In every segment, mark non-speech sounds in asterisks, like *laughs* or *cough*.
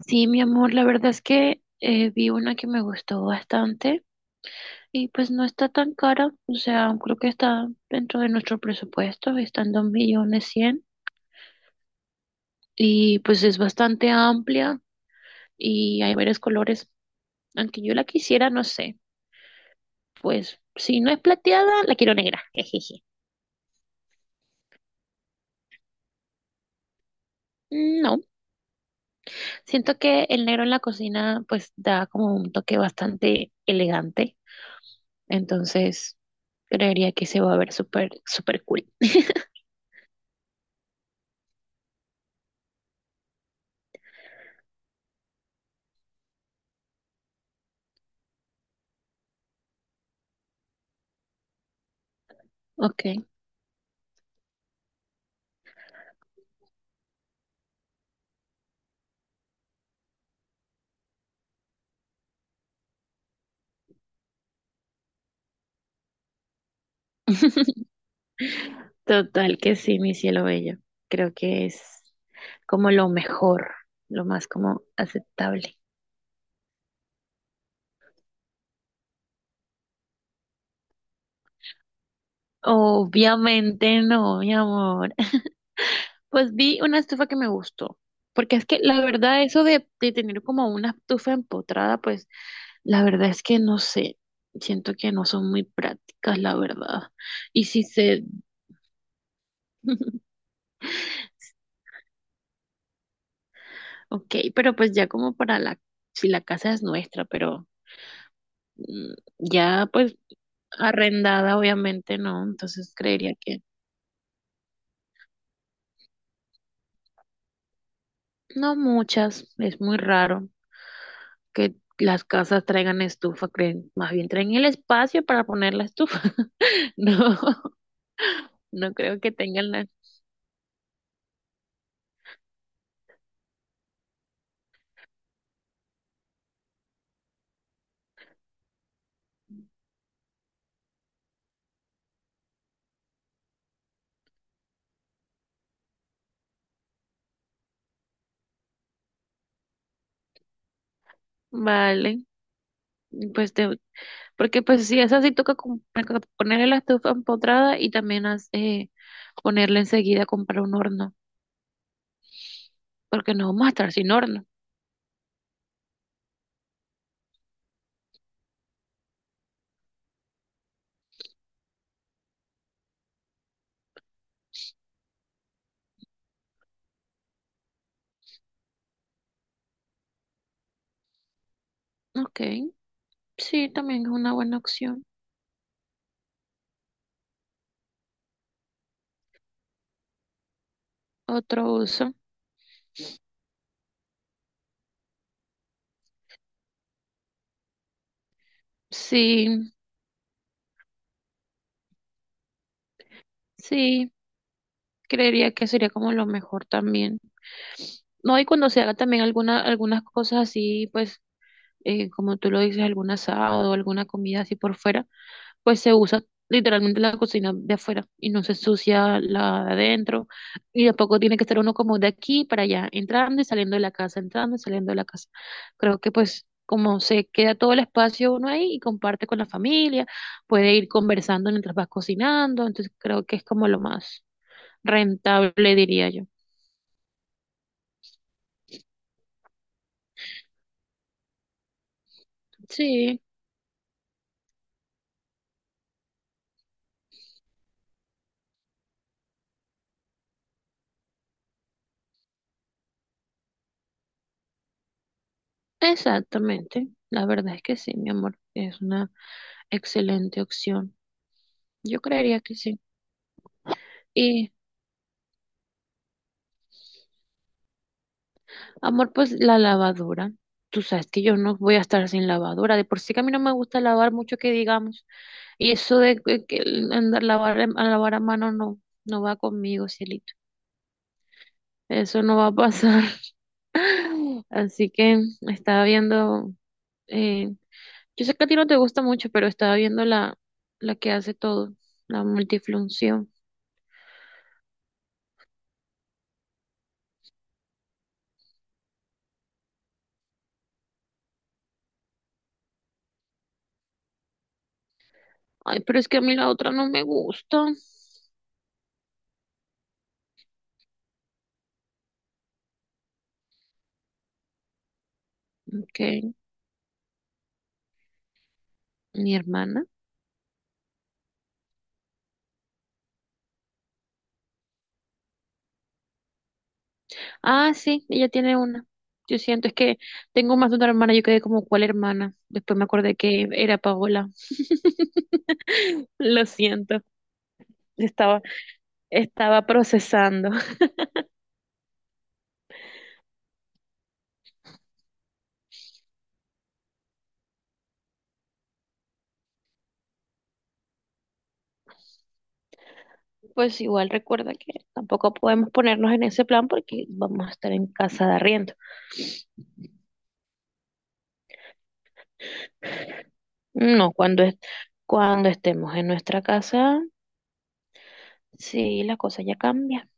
Sí, mi amor, la verdad es que vi una que me gustó bastante y pues no está tan cara, o sea, creo que está dentro de nuestro presupuesto, está en 2.100.000 y pues es bastante amplia y hay varios colores, aunque yo la quisiera, no sé, pues si no es plateada, la quiero negra, *laughs* jejeje. No, siento que el negro en la cocina pues da como un toque bastante elegante, entonces creería que se va a ver súper, súper cool. Ok. Total que sí, mi cielo bello. Creo que es como lo mejor, lo más como aceptable. Obviamente no, mi amor. *laughs* Pues vi una estufa que me gustó, porque es que la verdad eso de tener como una estufa empotrada, pues la verdad es que no sé. Siento que no son muy prácticas, la verdad. Y si se, ok, pero pues ya como para la, si la casa es nuestra, pero mm, ya pues arrendada, obviamente no, entonces creería que no muchas, es muy raro que las casas traigan estufa, creen, más bien traen el espacio para poner la estufa. *laughs* No, no creo que tengan la. Vale, pues te, porque pues sí, esa sí toca ponerle la estufa empotrada y también ponerle enseguida comprar un horno, porque no vamos a estar sin horno. Ok, sí, también es una buena opción. Otro uso. Sí, sí. Creería que sería como lo mejor también. No, y cuando se haga también alguna, algunas cosas así, pues, como tú lo dices, algún asado o alguna comida así por fuera, pues se usa literalmente la cocina de afuera y no se sucia la de adentro. Y tampoco tiene que estar uno como de aquí para allá, entrando y saliendo de la casa, entrando y saliendo de la casa. Creo que pues como se queda todo el espacio uno ahí y comparte con la familia, puede ir conversando mientras vas cocinando, entonces creo que es como lo más rentable, diría yo. Sí, exactamente. La verdad es que sí, mi amor. Es una excelente opción. Yo creería que sí. Y, Amor, pues la lavadora. Tú sabes que yo no voy a estar sin lavadora. De por sí que a mí no me gusta lavar mucho que digamos. Y eso de que el andar a lavar a mano no, no va conmigo, cielito. Eso no va a pasar. *laughs* Así que estaba viendo, eh, yo sé que a ti no te gusta mucho, pero estaba viendo la que hace todo, la multifunción. Ay, pero es que a mí la otra no me gusta. Ok, mi hermana. Ah, sí, ella tiene una. Yo siento, es que tengo más de una hermana, yo quedé como, ¿cuál hermana? Después me acordé que era Paola. *laughs* Lo siento, estaba, estaba procesando. Pues igual recuerda que tampoco podemos ponernos en ese plan porque vamos a estar en casa de arriendo. No, cuando estemos en nuestra casa, sí, la cosa ya cambia.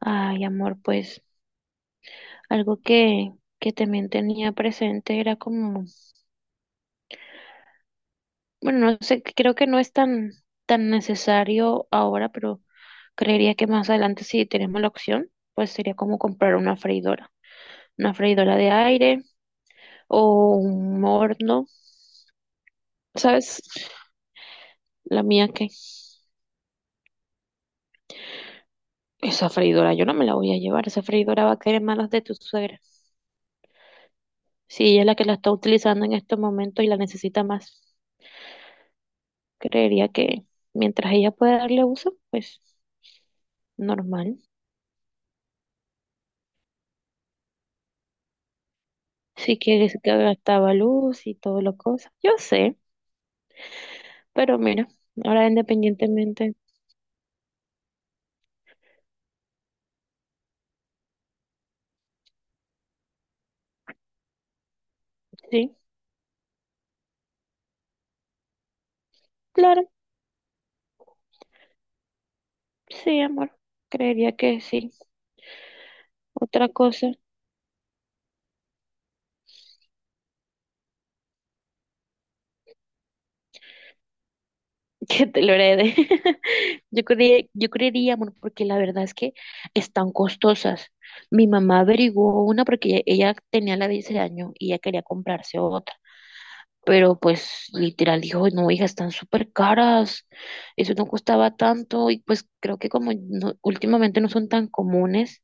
Ay, amor, pues. Algo que también tenía presente era como, bueno, no sé, creo que no es tan, tan necesario ahora, pero creería que más adelante si tenemos la opción, pues sería como comprar una freidora de aire o un horno, ¿sabes? La mía que esa freidora yo no me la voy a llevar, esa freidora va a caer en manos de tu suegra. Si ella es la que la está utilizando en estos momentos y la necesita más, creería que mientras ella pueda darle uso, pues normal. Si quieres que gastaba luz y todo lo cosa. Yo sé, pero mira, ahora independientemente, sí, claro, sí, amor, creería que sí. Otra cosa *laughs* que te lo herede. *laughs* Yo creería, amor, porque la verdad es que están costosas. Mi mamá averiguó una porque ella tenía la de ese año y ella quería comprarse otra. Pero pues literal dijo, no, hija, están súper caras, eso no costaba tanto y pues creo que como no- últimamente no son tan comunes,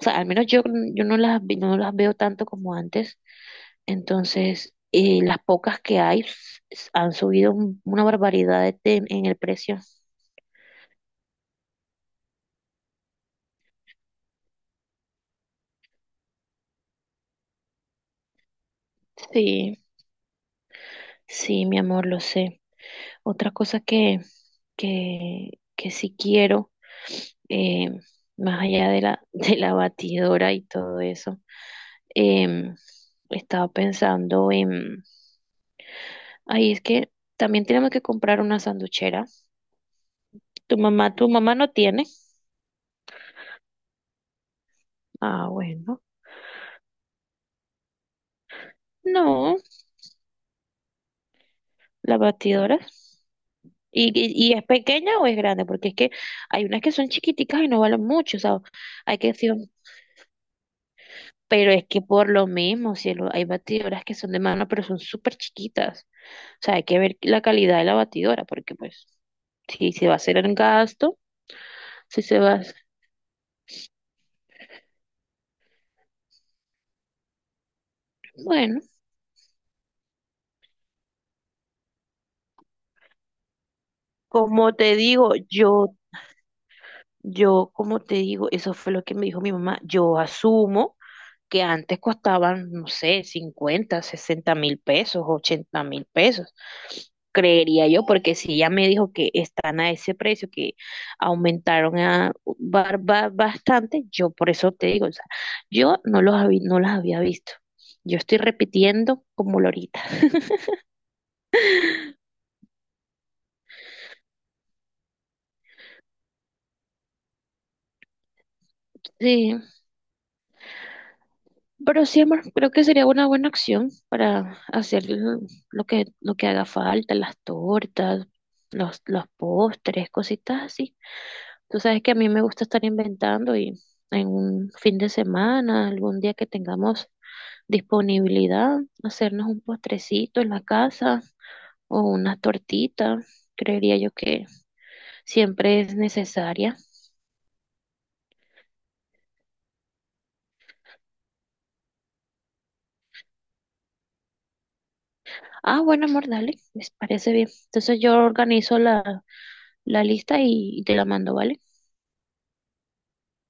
o sea, al menos yo, no las veo tanto como antes, entonces las pocas que hay han subido una barbaridad en el precio. Sí, sí, mi amor, lo sé. Otra cosa que sí quiero, eh, más allá de la, *laughs* de la batidora y todo eso. Em, Estaba pensando en, ay, es que también tenemos que comprar una sanduchera. Tu mamá no tiene. Ah, bueno. No, la batidora. ¿Y es pequeña o es grande? Porque es que hay unas que son chiquiticas y no valen mucho, o sea, hay que decir, pero es que por lo mismo, cielo, hay batidoras que son de mano, pero son súper chiquitas. O sea, hay que ver la calidad de la batidora, porque pues, si se va a hacer el gasto, si se va a hacer, bueno. Como te digo, como te digo, eso fue lo que me dijo mi mamá. Yo asumo que antes costaban, no sé, 50 60.000 pesos, 80.000 pesos. Creería yo, porque si ella me dijo que están a ese precio, que aumentaron a, bastante, yo por eso te digo, o sea, yo no los había, no las había visto. Yo estoy repitiendo como lorita. Sí, pero sí, amor, creo que sería una buena acción para hacer lo que haga falta, las tortas, los postres, cositas así. Tú sabes que a mí me gusta estar inventando y en un fin de semana, algún día que tengamos disponibilidad, hacernos un postrecito en la casa o una tortita, creería yo que siempre es necesaria. Ah, bueno, amor, dale, me parece bien. Entonces yo organizo la, la lista y te la mando, ¿vale?